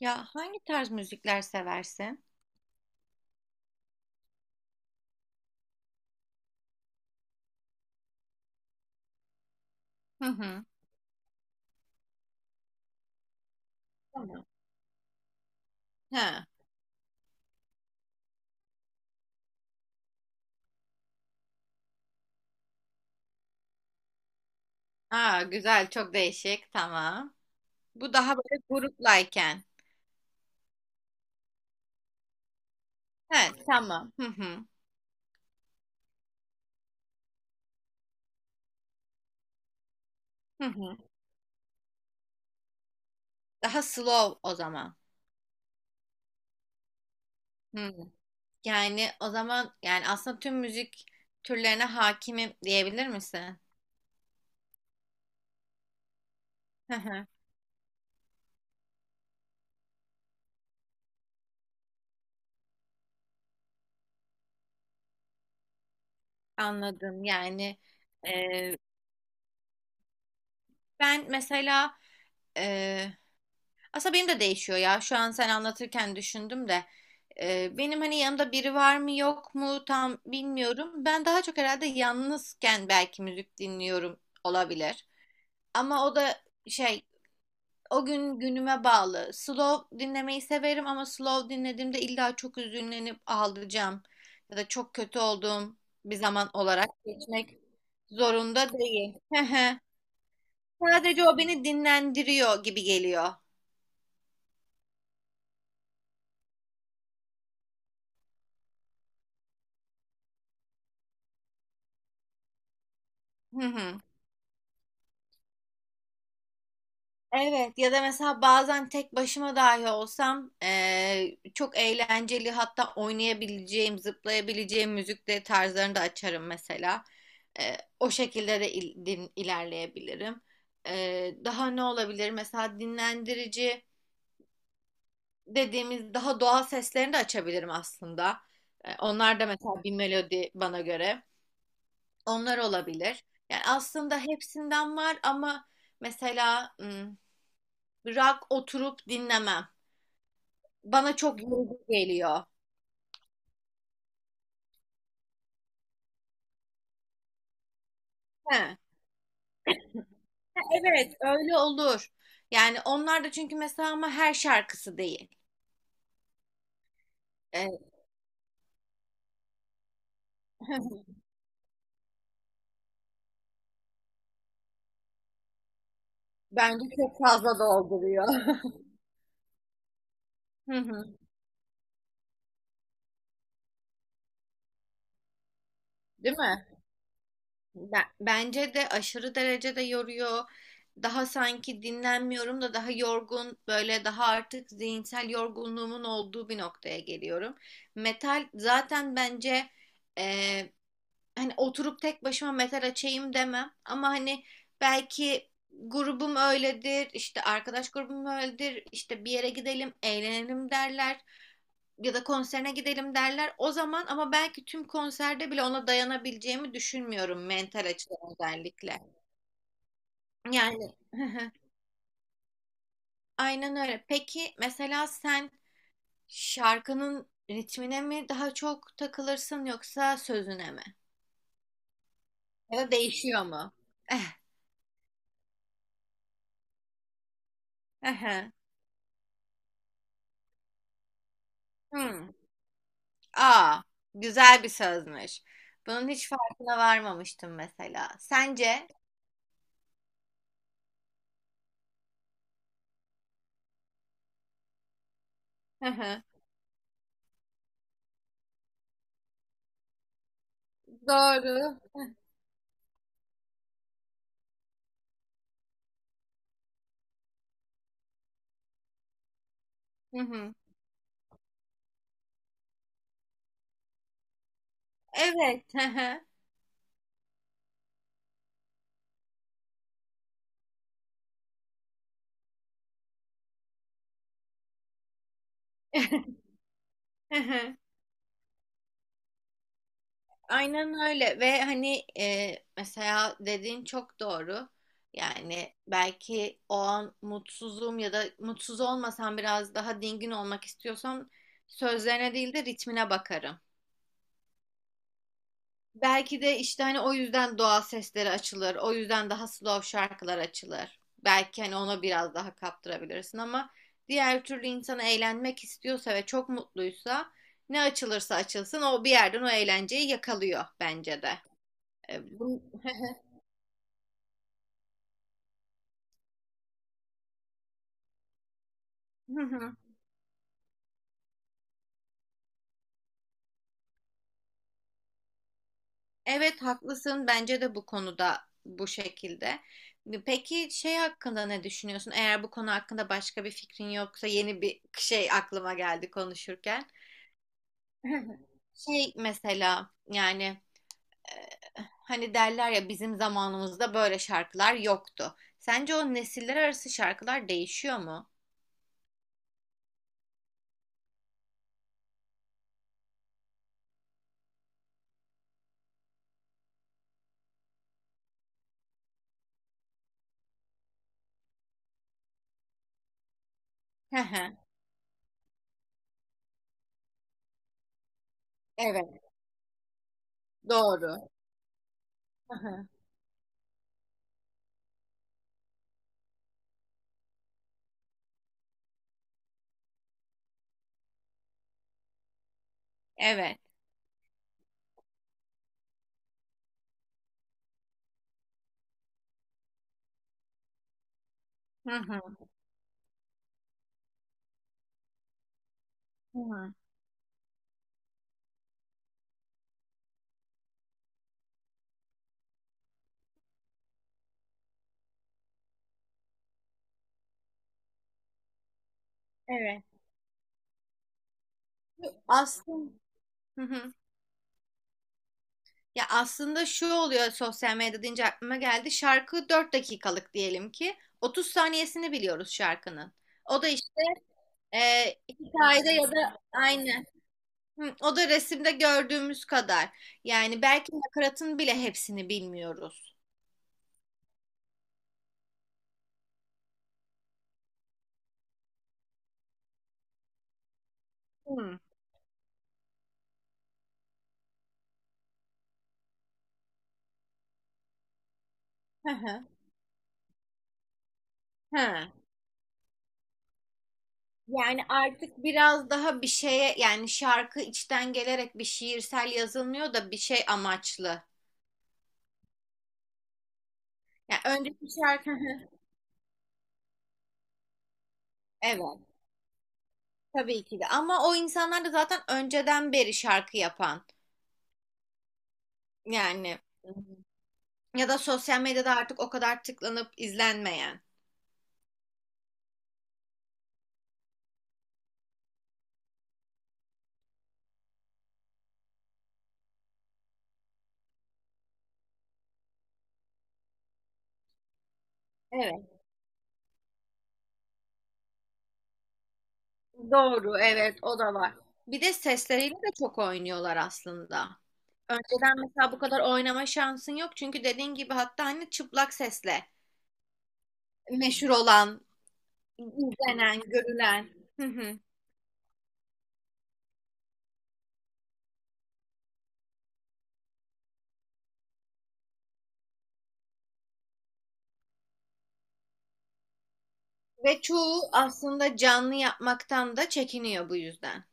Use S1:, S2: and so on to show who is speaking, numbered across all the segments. S1: Ya hangi tarz müzikler seversin? Hı hı. Tamam. Ha. Aa, güzel, çok değişik, tamam. Bu daha böyle gruplayken. Evet, tamam. Hı hı. Hı hı. Daha slow o zaman. Hı. Yani o zaman yani aslında tüm müzik türlerine hakimim diyebilir misin? Hı hı. Anladım. E, Ben mesela e, aslında benim de değişiyor ya. Şu an sen anlatırken düşündüm de. Benim hani yanımda biri var mı yok mu tam bilmiyorum. Ben daha çok herhalde yalnızken belki müzik dinliyorum, olabilir. Ama o da şey o gün günüme bağlı. Slow dinlemeyi severim ama slow dinlediğimde illa çok üzünlenip ağlayacağım ya da çok kötü olduğum bir zaman olarak geçmek zorunda değil. Sadece o beni dinlendiriyor gibi geliyor. Evet, ya da mesela bazen tek başıma dahi olsam çok eğlenceli, hatta oynayabileceğim, zıplayabileceğim müzik de tarzlarını da açarım mesela. O şekilde de ilerleyebilirim. Daha ne olabilir? Mesela dinlendirici dediğimiz daha doğal seslerini de açabilirim aslında. Onlar da mesela bir melodi bana göre. Onlar olabilir. Yani aslında hepsinden var ama mesela rock oturup dinlemem. Bana çok yorucu geliyor. He. Ha, evet, öyle olur. Yani onlar da, çünkü mesela, ama her şarkısı değil. E, Bence çok fazla dolduruyor. Hı hı. Değil mi? Bence de aşırı derecede yoruyor. Daha sanki dinlenmiyorum da daha yorgun, böyle daha artık zihinsel yorgunluğumun olduğu bir noktaya geliyorum. Metal zaten bence, hani oturup tek başıma metal açayım demem, ama hani belki grubum öyledir işte, arkadaş grubum öyledir işte, bir yere gidelim eğlenelim derler ya da konserine gidelim derler o zaman, ama belki tüm konserde bile ona dayanabileceğimi düşünmüyorum mental açıdan özellikle yani. Aynen öyle. Peki mesela sen şarkının ritmine mi daha çok takılırsın yoksa sözüne mi, ya da değişiyor mu? Eh, ehe. Hmm. Aa, güzel bir sözmüş. Bunun hiç farkına varmamıştım mesela. Sence? Hı hı. Doğru. Hı hı. Evet. Hı hı. Hı hı. Aynen öyle. Ve hani mesela dediğin çok doğru. Yani belki o an mutsuzum ya da mutsuz olmasam biraz daha dingin olmak istiyorsam, sözlerine değil de ritmine bakarım. Belki de işte hani o yüzden doğal sesleri açılır. O yüzden daha slow şarkılar açılır. Belki hani ona biraz daha kaptırabilirsin ama diğer türlü insan eğlenmek istiyorsa ve çok mutluysa ne açılırsa açılsın o bir yerden o eğlenceyi yakalıyor bence de. E, bu- Evet, haklısın, bence de bu konuda bu şekilde. Peki şey hakkında ne düşünüyorsun? Eğer bu konu hakkında başka bir fikrin yoksa yeni bir şey aklıma geldi konuşurken. Şey mesela, hani derler ya, bizim zamanımızda böyle şarkılar yoktu. Sence o nesiller arası şarkılar değişiyor mu? Hı hı. Evet, doğru. Hı hı. Evet. Hı hı. Hı hı. Evet. Aslında. Hı hı. Ya aslında şu oluyor, sosyal medya deyince aklıma geldi. Şarkı 4 dakikalık diyelim ki, 30 saniyesini biliyoruz şarkının. O da işte, e, hikayede ya da aynı. Hı, o da resimde gördüğümüz kadar. Yani belki nakaratın bile hepsini bilmiyoruz. Hı. Hı hı. Hı. Yani artık biraz daha bir şeye, yani şarkı içten gelerek bir şiirsel yazılmıyor da bir şey amaçlı. Yani önceki şarkı. Hı hı. Evet, tabii ki de, ama o insanlar da zaten önceden beri şarkı yapan, yani ya da sosyal medyada artık o kadar tıklanıp izlenmeyen. Evet. Doğru, evet, o da var. Bir de sesleriyle de çok oynuyorlar aslında. Önceden mesela bu kadar oynama şansın yok, çünkü dediğin gibi hatta hani çıplak sesle meşhur olan, izlenen, görülen. Hı hı. Ve çoğu aslında canlı yapmaktan da çekiniyor bu yüzden.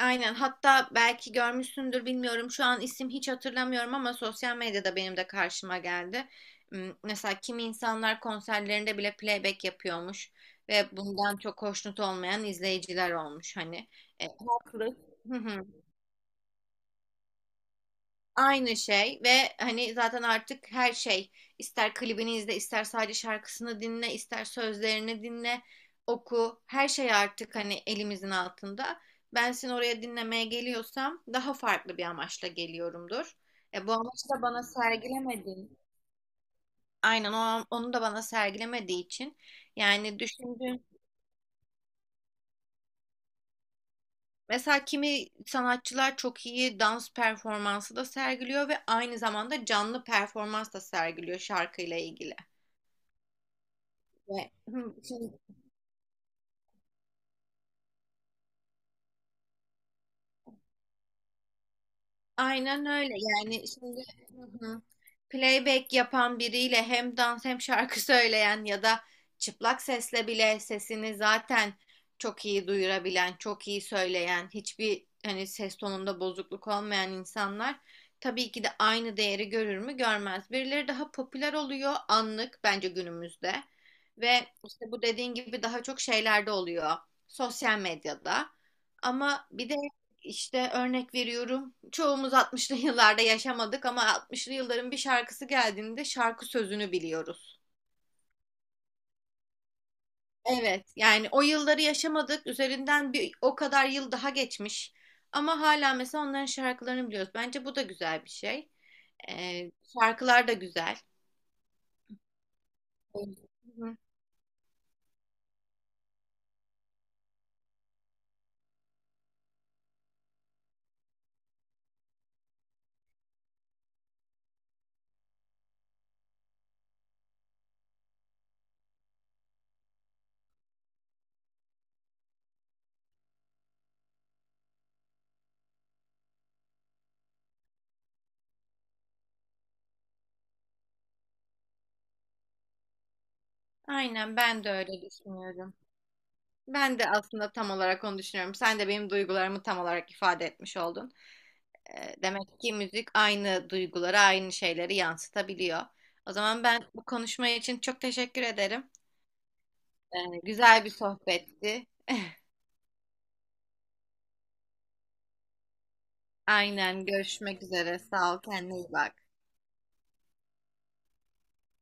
S1: Aynen. Hatta belki görmüşsündür bilmiyorum. Şu an isim hiç hatırlamıyorum ama sosyal medyada benim de karşıma geldi. Mesela kimi insanlar konserlerinde bile playback yapıyormuş ve bundan çok hoşnut olmayan izleyiciler olmuş hani. E, haklı. Aynı şey. Ve hani zaten artık her şey, ister klibini izle, ister sadece şarkısını dinle, ister sözlerini dinle, oku, her şey artık hani elimizin altında. Ben seni oraya dinlemeye geliyorsam daha farklı bir amaçla geliyorumdur. Bu amaçı da bana sergilemediğin, aynen o, onu da bana sergilemediği için, yani düşündüğüm, mesela kimi sanatçılar çok iyi dans performansı da sergiliyor ve aynı zamanda canlı performans da sergiliyor şarkıyla ilgili. Ve- hı, şimdi- aynen öyle yani şimdi, hı hı, playback yapan biriyle hem dans hem şarkı söyleyen ya da çıplak sesle bile sesini zaten çok iyi duyurabilen, çok iyi söyleyen, hiçbir hani ses tonunda bozukluk olmayan insanlar tabii ki de aynı değeri görür mü? Görmez. Birileri daha popüler oluyor anlık bence günümüzde ve işte bu dediğin gibi daha çok şeylerde oluyor, sosyal medyada. Ama bir de, İşte örnek veriyorum, çoğumuz 60'lı yıllarda yaşamadık ama 60'lı yılların bir şarkısı geldiğinde şarkı sözünü biliyoruz. Evet, yani o yılları yaşamadık. Üzerinden bir o kadar yıl daha geçmiş. Ama hala mesela onların şarkılarını biliyoruz. Bence bu da güzel bir şey. Ee, Şarkılar da güzel. Evet. Hı hı. Aynen, ben de öyle düşünüyorum. Ben de aslında tam olarak onu düşünüyorum. Sen de benim duygularımı tam olarak ifade etmiş oldun. E, demek ki müzik aynı duyguları, aynı şeyleri yansıtabiliyor. O zaman ben bu konuşma için çok teşekkür ederim. E, güzel bir sohbetti. Aynen, görüşmek üzere. Sağ ol, kendine iyi bak.